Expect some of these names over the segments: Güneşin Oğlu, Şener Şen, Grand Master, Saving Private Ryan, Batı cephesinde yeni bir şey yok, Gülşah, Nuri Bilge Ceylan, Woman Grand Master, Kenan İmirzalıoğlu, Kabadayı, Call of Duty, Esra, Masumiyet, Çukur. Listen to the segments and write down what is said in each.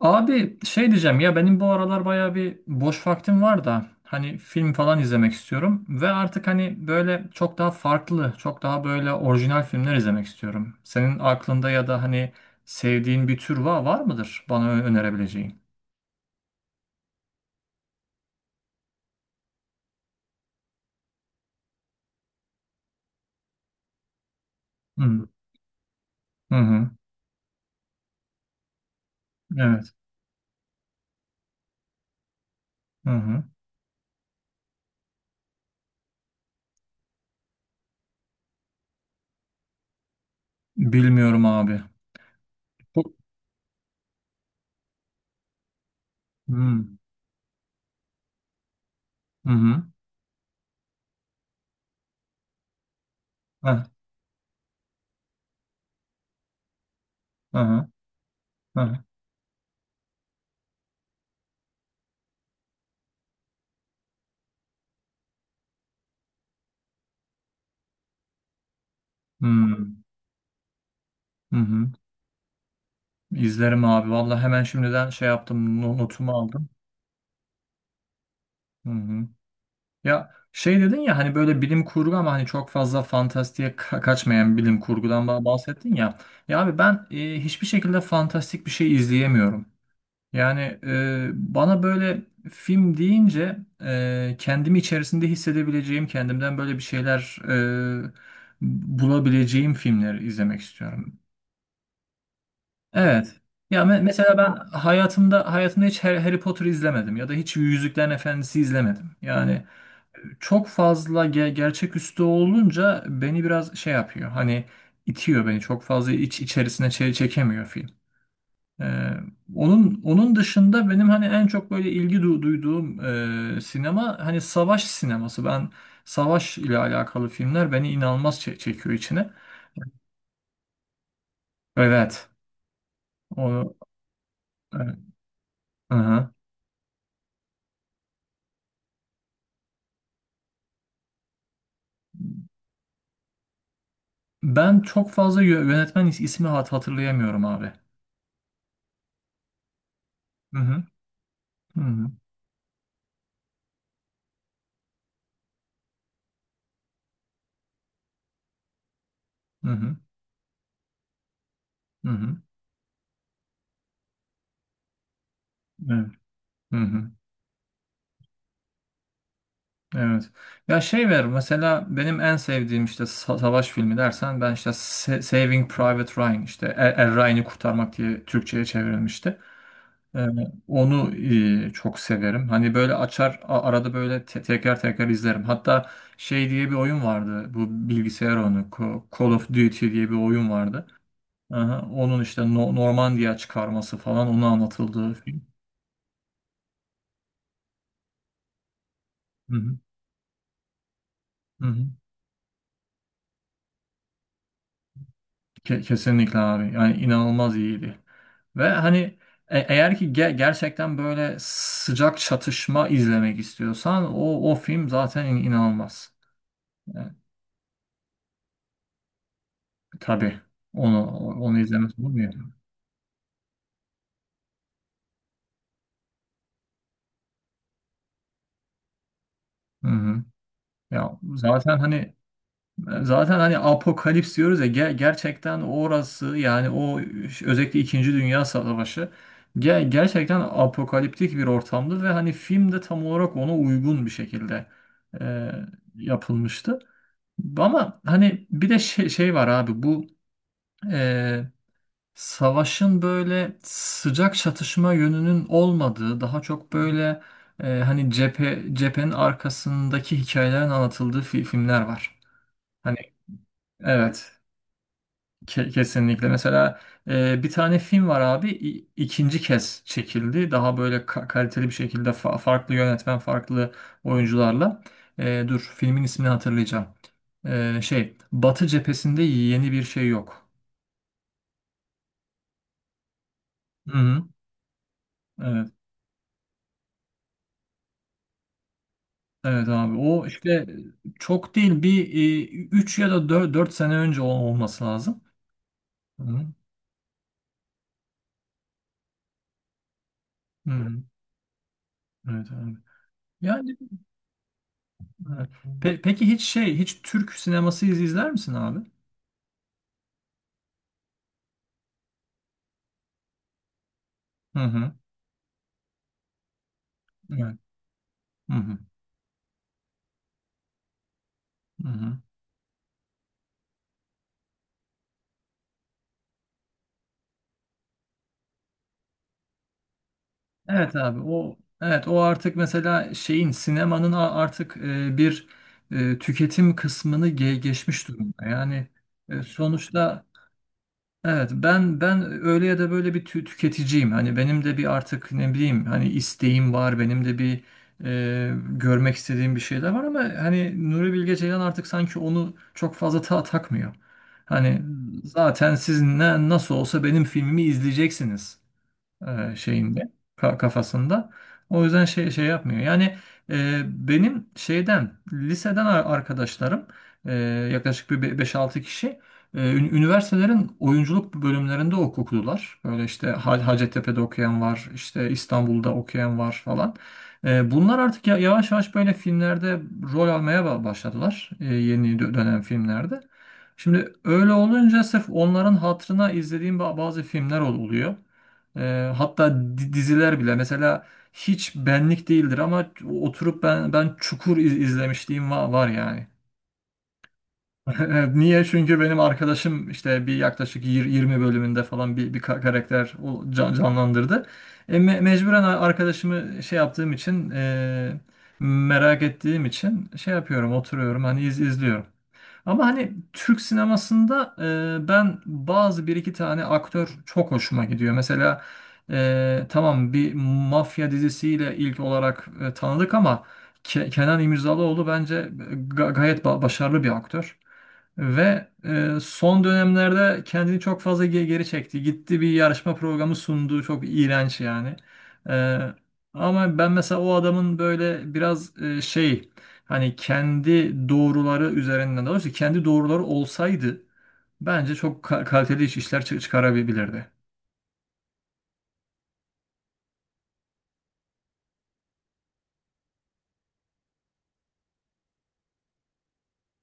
Abi şey diyeceğim ya, benim bu aralar bayağı bir boş vaktim var da hani film falan izlemek istiyorum ve artık hani böyle çok daha farklı, çok daha böyle orijinal filmler izlemek istiyorum. Senin aklında ya da hani sevdiğin bir tür var, var mıdır bana önerebileceğin? Hı hı. Hı. Evet. Hı hı. Bilmiyorum abi. Bu- Hı hı. Hı. Heh, hı. Hı hı. Hı hı. Hı. İzlerim abi. Vallahi hemen şimdiden şey yaptım, notumu aldım. Hı hı. Ya şey dedin ya hani böyle bilim kurgu ama hani çok fazla fantastiğe kaçmayan bilim kurgudan bahsettin ya. Ya abi ben hiçbir şekilde fantastik bir şey izleyemiyorum. Yani bana böyle film deyince kendimi içerisinde hissedebileceğim, kendimden böyle bir şeyler e, bulabileceğim filmleri izlemek istiyorum. Evet. Ya mesela ben hayatımda hiç Harry Potter izlemedim ya da hiç Yüzüklerin Efendisi izlemedim. Yani çok fazla gerçeküstü olunca beni biraz şey yapıyor. Hani itiyor beni. Çok fazla iç içerisine çekemiyor film. Ee, onun dışında benim hani en çok böyle ilgi duyduğum sinema hani savaş sineması. Ben savaş ile alakalı filmler beni inanılmaz çekiyor içine. Evet. Onu, evet. Hı-hı. Ben çok fazla yönetmen ismi hatırlayamıyorum abi. Hı hı. Hı hı. Hı hı. Hı hı. Evet. Hı hı. Evet. Ya şey ver mesela benim en sevdiğim işte savaş filmi dersen, ben işte Saving Private Ryan, işte Er, Er Ryan'ı Kurtarmak diye Türkçe'ye çevrilmişti. Ee, onu çok severim. Hani böyle açar, arada böyle tekrar tekrar izlerim. Hatta şey diye bir oyun vardı. Bu bilgisayar oyunu Call of Duty diye bir oyun vardı. Aha, onun işte Normandiya çıkarması falan onu anlatıldığı film. Hı hı. Hı hı. Kesinlikle abi. Yani inanılmaz iyiydi. Ve hani eğer ki gerçekten böyle sıcak çatışma izlemek istiyorsan o film zaten inanılmaz. Yani, tabii onu izlemesi olur. Hı hı. Ya zaten hani, zaten hani apokalips diyoruz ya, gerçekten orası, yani o özellikle İkinci Dünya Savaşı gerçekten apokaliptik bir ortamdı ve hani film de tam olarak ona uygun bir şekilde e, yapılmıştı. Ama hani bir de şey var abi, bu e, savaşın böyle sıcak çatışma yönünün olmadığı daha çok böyle hani cephenin arkasındaki hikayelerin anlatıldığı filmler var. Hani evet. Kesinlikle. Mesela bir tane film var abi, ikinci kez çekildi. Daha böyle kaliteli bir şekilde, farklı yönetmen, farklı oyuncularla. E, dur, filmin ismini hatırlayacağım. E, şey, Batı Cephesinde Yeni Bir Şey Yok. Hı-hı. Evet. Evet abi. O işte çok değil, bir 3 ya da 4 sene önce olması lazım. Hı-hı. Hı-hı. Evet abi. Yani evet. Peki hiç hiç Türk sineması izler misin abi? Hı hı. Evet. Hı hı, hı hı. Evet abi, o, evet, o artık mesela sinemanın artık bir tüketim kısmını geçmiş durumda. Yani sonuçta evet, ben öyle ya da böyle bir tüketiciyim. Hani benim de bir artık ne bileyim hani isteğim var. Benim de bir görmek istediğim bir şeyler var, ama hani Nuri Bilge Ceylan artık sanki onu çok fazla takmıyor. Hani zaten siz ne, nasıl olsa benim filmimi izleyeceksiniz şeyinde, kafasında. O yüzden şey yapmıyor. Yani e, benim liseden arkadaşlarım, e, yaklaşık bir 5-6 kişi üniversitelerin oyunculuk bölümlerinde okudular. Böyle işte Hacettepe'de okuyan var, işte İstanbul'da okuyan var falan. E, bunlar artık yavaş yavaş böyle filmlerde rol almaya başladılar. E, yeni dönem filmlerde. Şimdi öyle olunca sırf onların hatırına izlediğim bazı filmler oluyor. Hatta diziler bile mesela hiç benlik değildir, ama oturup ben Çukur izlemişliğim var, var yani. Niye? Çünkü benim arkadaşım, işte bir yaklaşık 20 bölümünde falan bir karakter canlandırdı. E, mecburen arkadaşımı şey yaptığım için, merak ettiğim için şey yapıyorum, oturuyorum, hani izliyorum. Ama hani Türk sinemasında ben bazı bir iki tane aktör çok hoşuma gidiyor. Mesela tamam, bir mafya dizisiyle ilk olarak tanıdık, ama Kenan İmirzalıoğlu bence gayet başarılı bir aktör. Ve son dönemlerde kendini çok fazla geri çekti. Gitti, bir yarışma programı sundu. Çok iğrenç yani. E, ama ben mesela o adamın böyle biraz hani kendi doğruları üzerinden, daha doğrusu kendi doğruları olsaydı bence çok kaliteli işler çıkarabilirdi.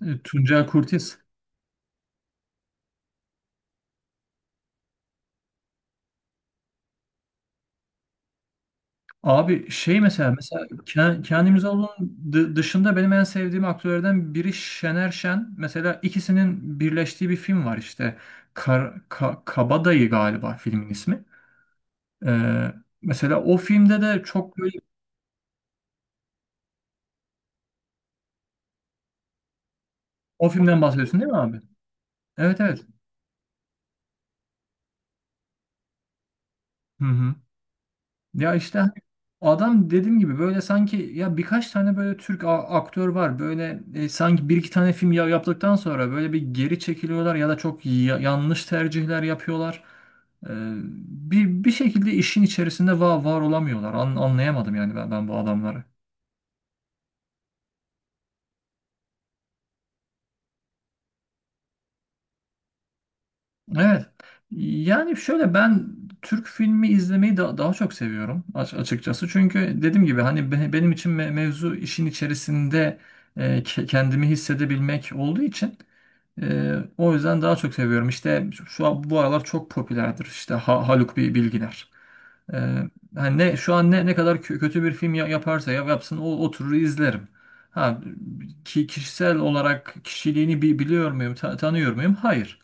E, Tuncel Kurtiz. Abi şey, mesela Kenan İmirzalıoğlu'nun dışında benim en sevdiğim aktörlerden biri Şener Şen. Mesela ikisinin birleştiği bir film var işte. Kar, Kabadayı galiba filmin ismi. Ee, mesela o filmde de çok böyle, o filmden bahsediyorsun değil mi abi? Evet, evet. Hı hı. Ya işte hani adam, dediğim gibi, böyle sanki ya birkaç tane böyle Türk aktör var. Böyle sanki bir iki tane film yaptıktan sonra böyle bir geri çekiliyorlar ya da çok yanlış tercihler yapıyorlar. Ee, bir şekilde işin içerisinde var olamıyorlar. Anlayamadım yani ben bu adamları. Evet. Yani şöyle, ben Türk filmi izlemeyi daha çok seviyorum açıkçası. Çünkü dediğim gibi, hani benim için mevzu işin içerisinde kendimi hissedebilmek olduğu için o yüzden daha çok seviyorum. İşte şu an bu aralar çok popülerdir. İşte Haluk Bilginer. Ee, hani ne şu an ne kadar kötü bir film yaparsa yapsın, o oturur izlerim. Ha, ki kişisel olarak kişiliğini biliyor muyum, tanıyor muyum? Hayır.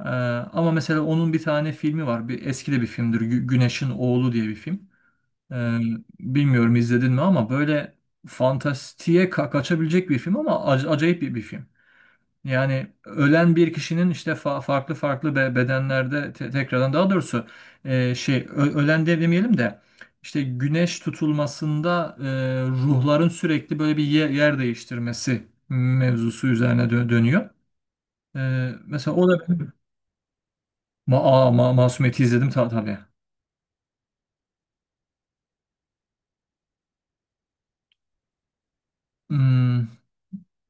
Ee, ama mesela onun bir tane filmi var. Bir eski de bir filmdir. Güneşin Oğlu diye bir film. Ee, bilmiyorum izledin mi, ama böyle fantastiğe kaçabilecek bir film, ama acayip bir film. Yani ölen bir kişinin işte farklı farklı bedenlerde tekrardan, daha doğrusu ölen de demeyelim de, işte güneş tutulmasında, ruhların sürekli böyle bir yer değiştirmesi mevzusu üzerine dönüyor. E, mesela o da ma aa, ma Masumiyet'i izledim tabii. Hmm,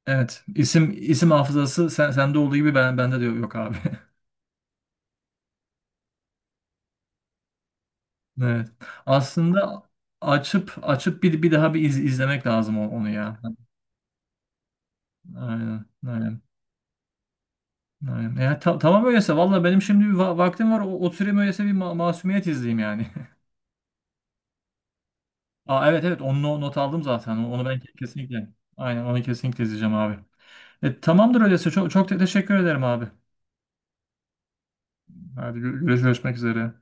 evet. İsim hafızası sen sende olduğu gibi bende de yok abi. Evet. Aslında açıp bir daha bir izlemek lazım onu ya. Aynen, aynen, aynen. Ya, tamam öyleyse, valla benim şimdi bir vaktim var. O, oturayım öyleyse bir masumiyet izleyeyim yani. Aa, evet, evet, onu not aldım zaten. Onu ben kesinlikle. Aynen, onu kesinlikle izleyeceğim abi. E, tamamdır öyleyse. Çok teşekkür ederim abi. Hadi görüşmek üzere.